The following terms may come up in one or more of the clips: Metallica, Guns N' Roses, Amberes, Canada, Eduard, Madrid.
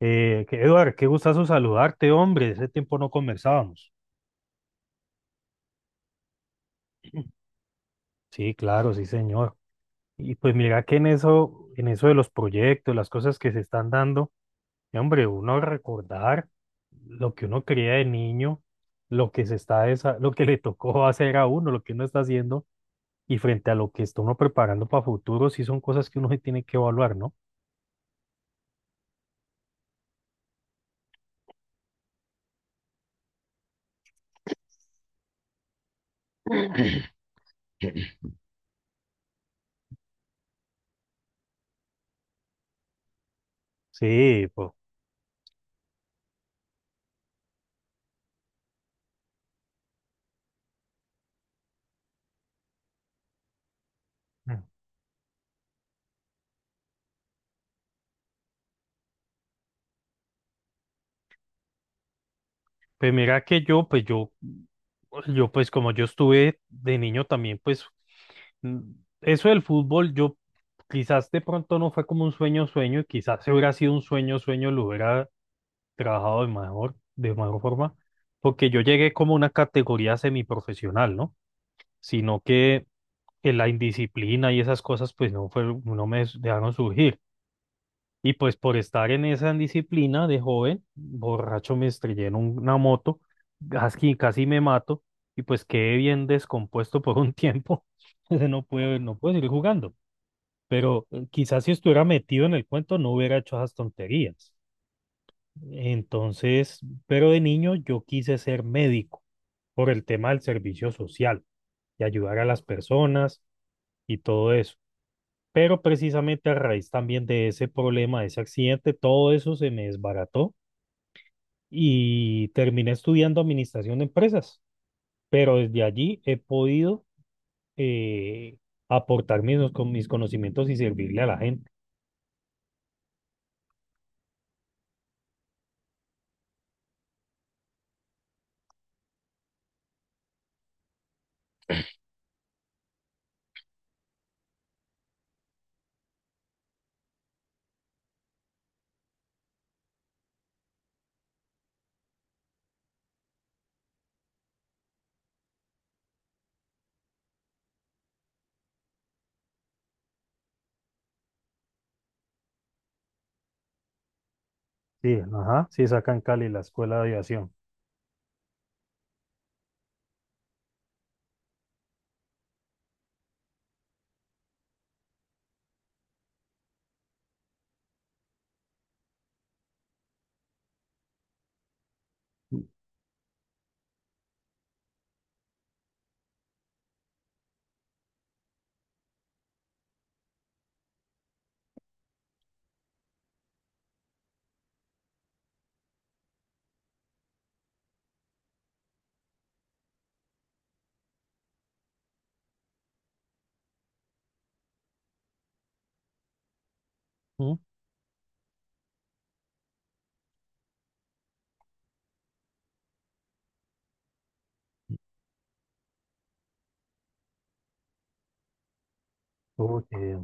Eduard, qué gustazo saludarte, hombre. Ese tiempo no conversábamos. Sí, claro, sí, señor. Y pues mira que en eso de los proyectos, las cosas que se están dando, hombre, uno recordar lo que uno creía de niño, lo que se está, desa- lo que le tocó hacer a uno, lo que uno está haciendo, y frente a lo que está uno preparando para futuro, sí son cosas que uno se tiene que evaluar, ¿no? Sí, pues. Pues mira que yo, yo pues como yo estuve de niño también, pues mm, eso del fútbol, yo quizás de pronto no fue como un sueño, y quizás si hubiera sido un sueño, lo hubiera trabajado de mejor forma, porque yo llegué como una categoría semiprofesional, ¿no? Sino que, que la indisciplina y esas cosas, pues no fue, no me dejaron surgir. Y pues por estar en esa indisciplina de joven, borracho me estrellé una moto, casi, casi me mato y pues quedé bien descompuesto por un tiempo. Entonces no puedo seguir jugando. Pero quizás si estuviera metido en el cuento no hubiera hecho esas tonterías. Entonces, pero de niño yo quise ser médico por el tema del servicio social y ayudar a las personas y todo eso. Pero precisamente a raíz también de ese problema, de ese accidente, todo eso se me desbarató y terminé estudiando administración de empresas, pero desde allí he podido eh, aportar mis, con mis conocimientos y servirle a la gente. Sí, ajá, sí, sacan Cali la escuela de aviación. ¿No? Uy, qué bien.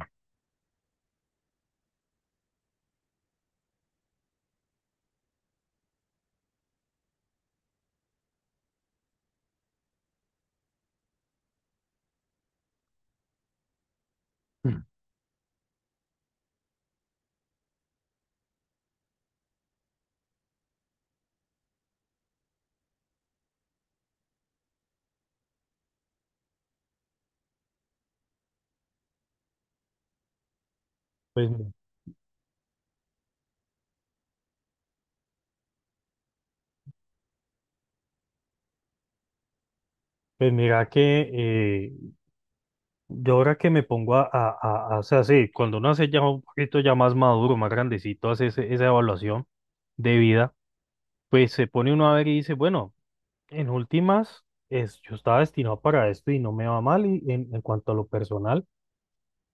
Pues, mi- pues mira que eh, yo ahora que me pongo o sea, sí, cuando uno hace ya un poquito ya más maduro, más grandecito, hace esa evaluación de vida, pues se pone uno a ver y dice, bueno. En últimas, es, yo estaba destinado para esto y no me va mal y, en cuanto a lo personal,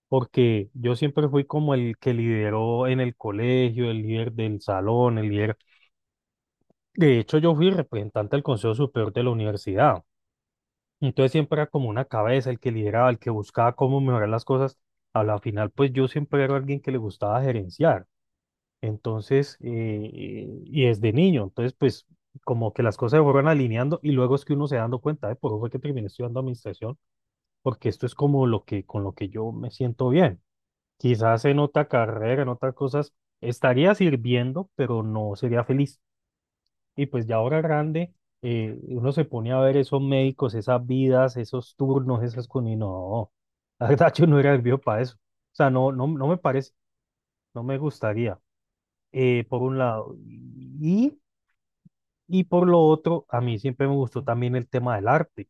porque yo siempre fui como el que lideró en el colegio, el líder del salón, el líder. De hecho, yo fui representante del Consejo Superior de la universidad. Entonces siempre era como una cabeza, el que lideraba, el que buscaba cómo mejorar las cosas. A la final, pues yo siempre era alguien que le gustaba gerenciar. Entonces, y desde niño, entonces, pues, como que las cosas se fueron alineando y luego es que uno se dando cuenta, de por eso fue que terminé estudiando administración, porque esto es como lo que, con lo que yo me siento bien. Quizás en otra carrera, en otras cosas, estaría sirviendo, pero no sería feliz. Y pues ya ahora grande, uno se pone a ver esos médicos, esas vidas, esos turnos, esas cosas, y no, la verdad yo no era el para eso. O sea, no, no, no me parece, no me gustaría por un lado. Y, y por lo otro, a mí siempre me gustó también el tema del arte.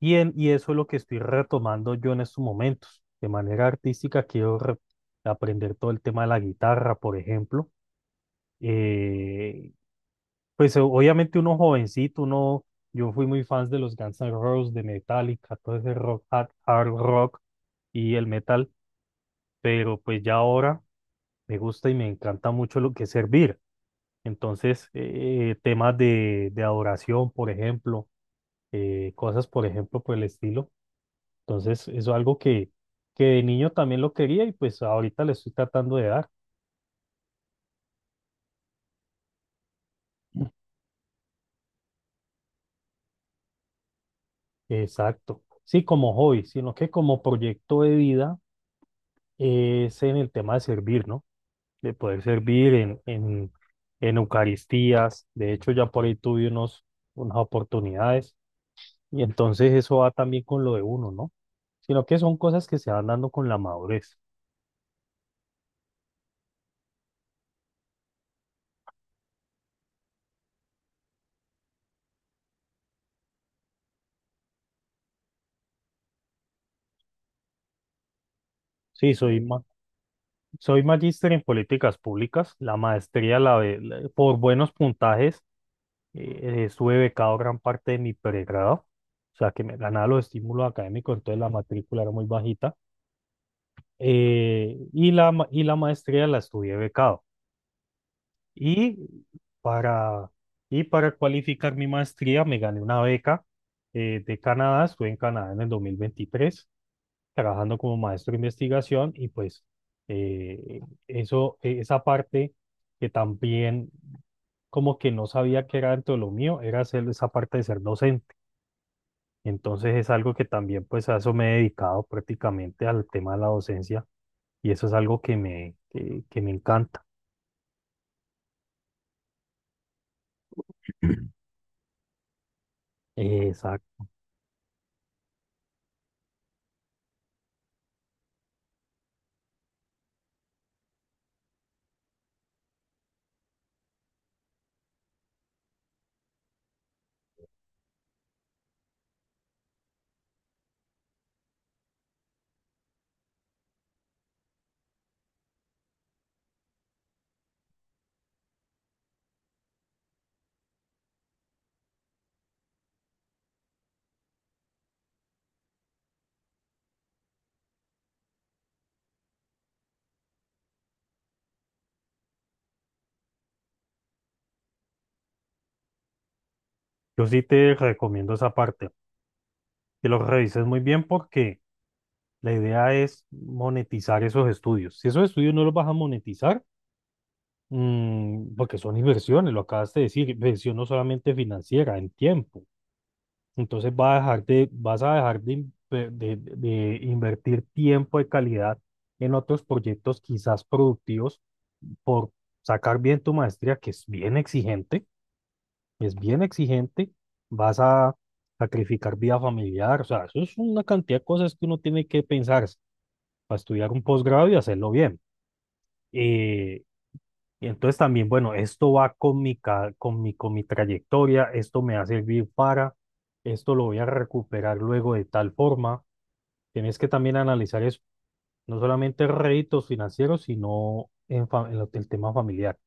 Y, y eso es lo que estoy retomando yo en estos momentos. De manera artística, quiero aprender todo el tema de la guitarra, por ejemplo. Eh, pues obviamente uno jovencito, uno, yo fui muy fan de los Guns N' Roses, de Metallica, todo ese rock, hard rock y el metal, pero pues ya ahora me gusta y me encanta mucho lo que es servir. Entonces, temas de adoración, por ejemplo, cosas, por ejemplo, por el estilo. Entonces, eso es algo que de niño también lo quería y pues ahorita le estoy tratando de dar. Exacto. Sí, como hobby, sino que como proyecto de vida es en el tema de servir, ¿no? De poder servir en Eucaristías. De hecho, ya por ahí tuve unos, unas oportunidades y entonces eso va también con lo de uno, ¿no? Sino que son cosas que se van dando con la madurez. Sí, soy, ma- soy magíster en políticas públicas. La maestría, por buenos puntajes, estuve becado gran parte de mi pregrado. O sea, que me ganaba los estímulos académicos, entonces la matrícula era muy bajita. Y la maestría la estudié becado. Y para, y para cualificar mi maestría, me gané una beca de Canadá. Estuve en Canadá en el 2023. Trabajando como maestro de investigación y pues eh, esa parte que también como que no sabía que era dentro de lo mío, era hacer esa parte de ser docente. Entonces es algo que también pues a eso me he dedicado prácticamente al tema de la docencia y eso es algo que me encanta. Exacto. Yo sí te recomiendo esa parte, que lo revises muy bien porque la idea es monetizar esos estudios. Si esos estudios no los vas a monetizar, mm, porque son inversiones, lo acabas de decir, inversión no solamente financiera, en tiempo. Entonces vas a dejar de, invertir tiempo de calidad en otros proyectos quizás productivos por sacar bien tu maestría, que es es bien exigente, vas a sacrificar vida familiar, o sea, eso es una cantidad de cosas que uno tiene que pensar para estudiar un posgrado y hacerlo bien. Eh, Y entonces también, bueno, esto va con mi, ca- con mi trayectoria, esto me va a servir para, esto lo voy a recuperar luego de tal forma. Tienes que también analizar eso, no solamente réditos financieros, sino en, fa- en lo- el tema familiar.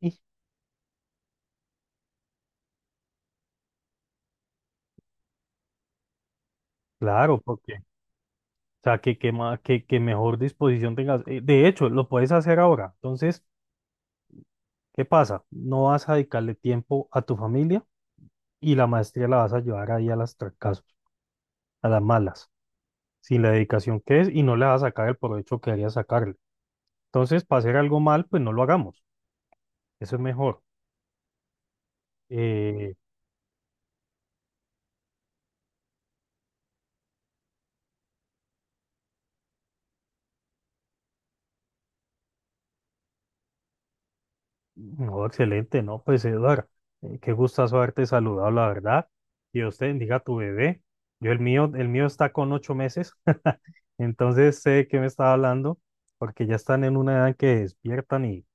y Claro, porque, que mejor disposición tengas. De hecho, lo puedes hacer ahora. Entonces, ¿qué pasa? No vas a dedicarle tiempo a tu familia y la maestría la vas a llevar ahí a las trancazos, a las malas. Sin la dedicación que es y no le va a sacar el provecho que debería sacarle. Entonces, para hacer algo mal, pues no lo hagamos. Eso es mejor. Eh, no, excelente, ¿no? Pues Eduardo, qué gustazo haberte saludado, la verdad. Y usted bendiga a tu bebé. Yo el mío está con 8 meses, entonces sé que me está hablando, porque ya están en una edad en que despiertan y,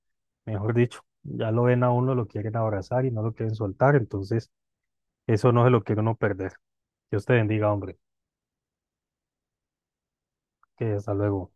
mejor dicho, ya lo ven a uno, lo quieren abrazar y no lo quieren soltar, entonces eso no se lo quiere uno perder. Dios te bendiga, hombre. Que hasta luego.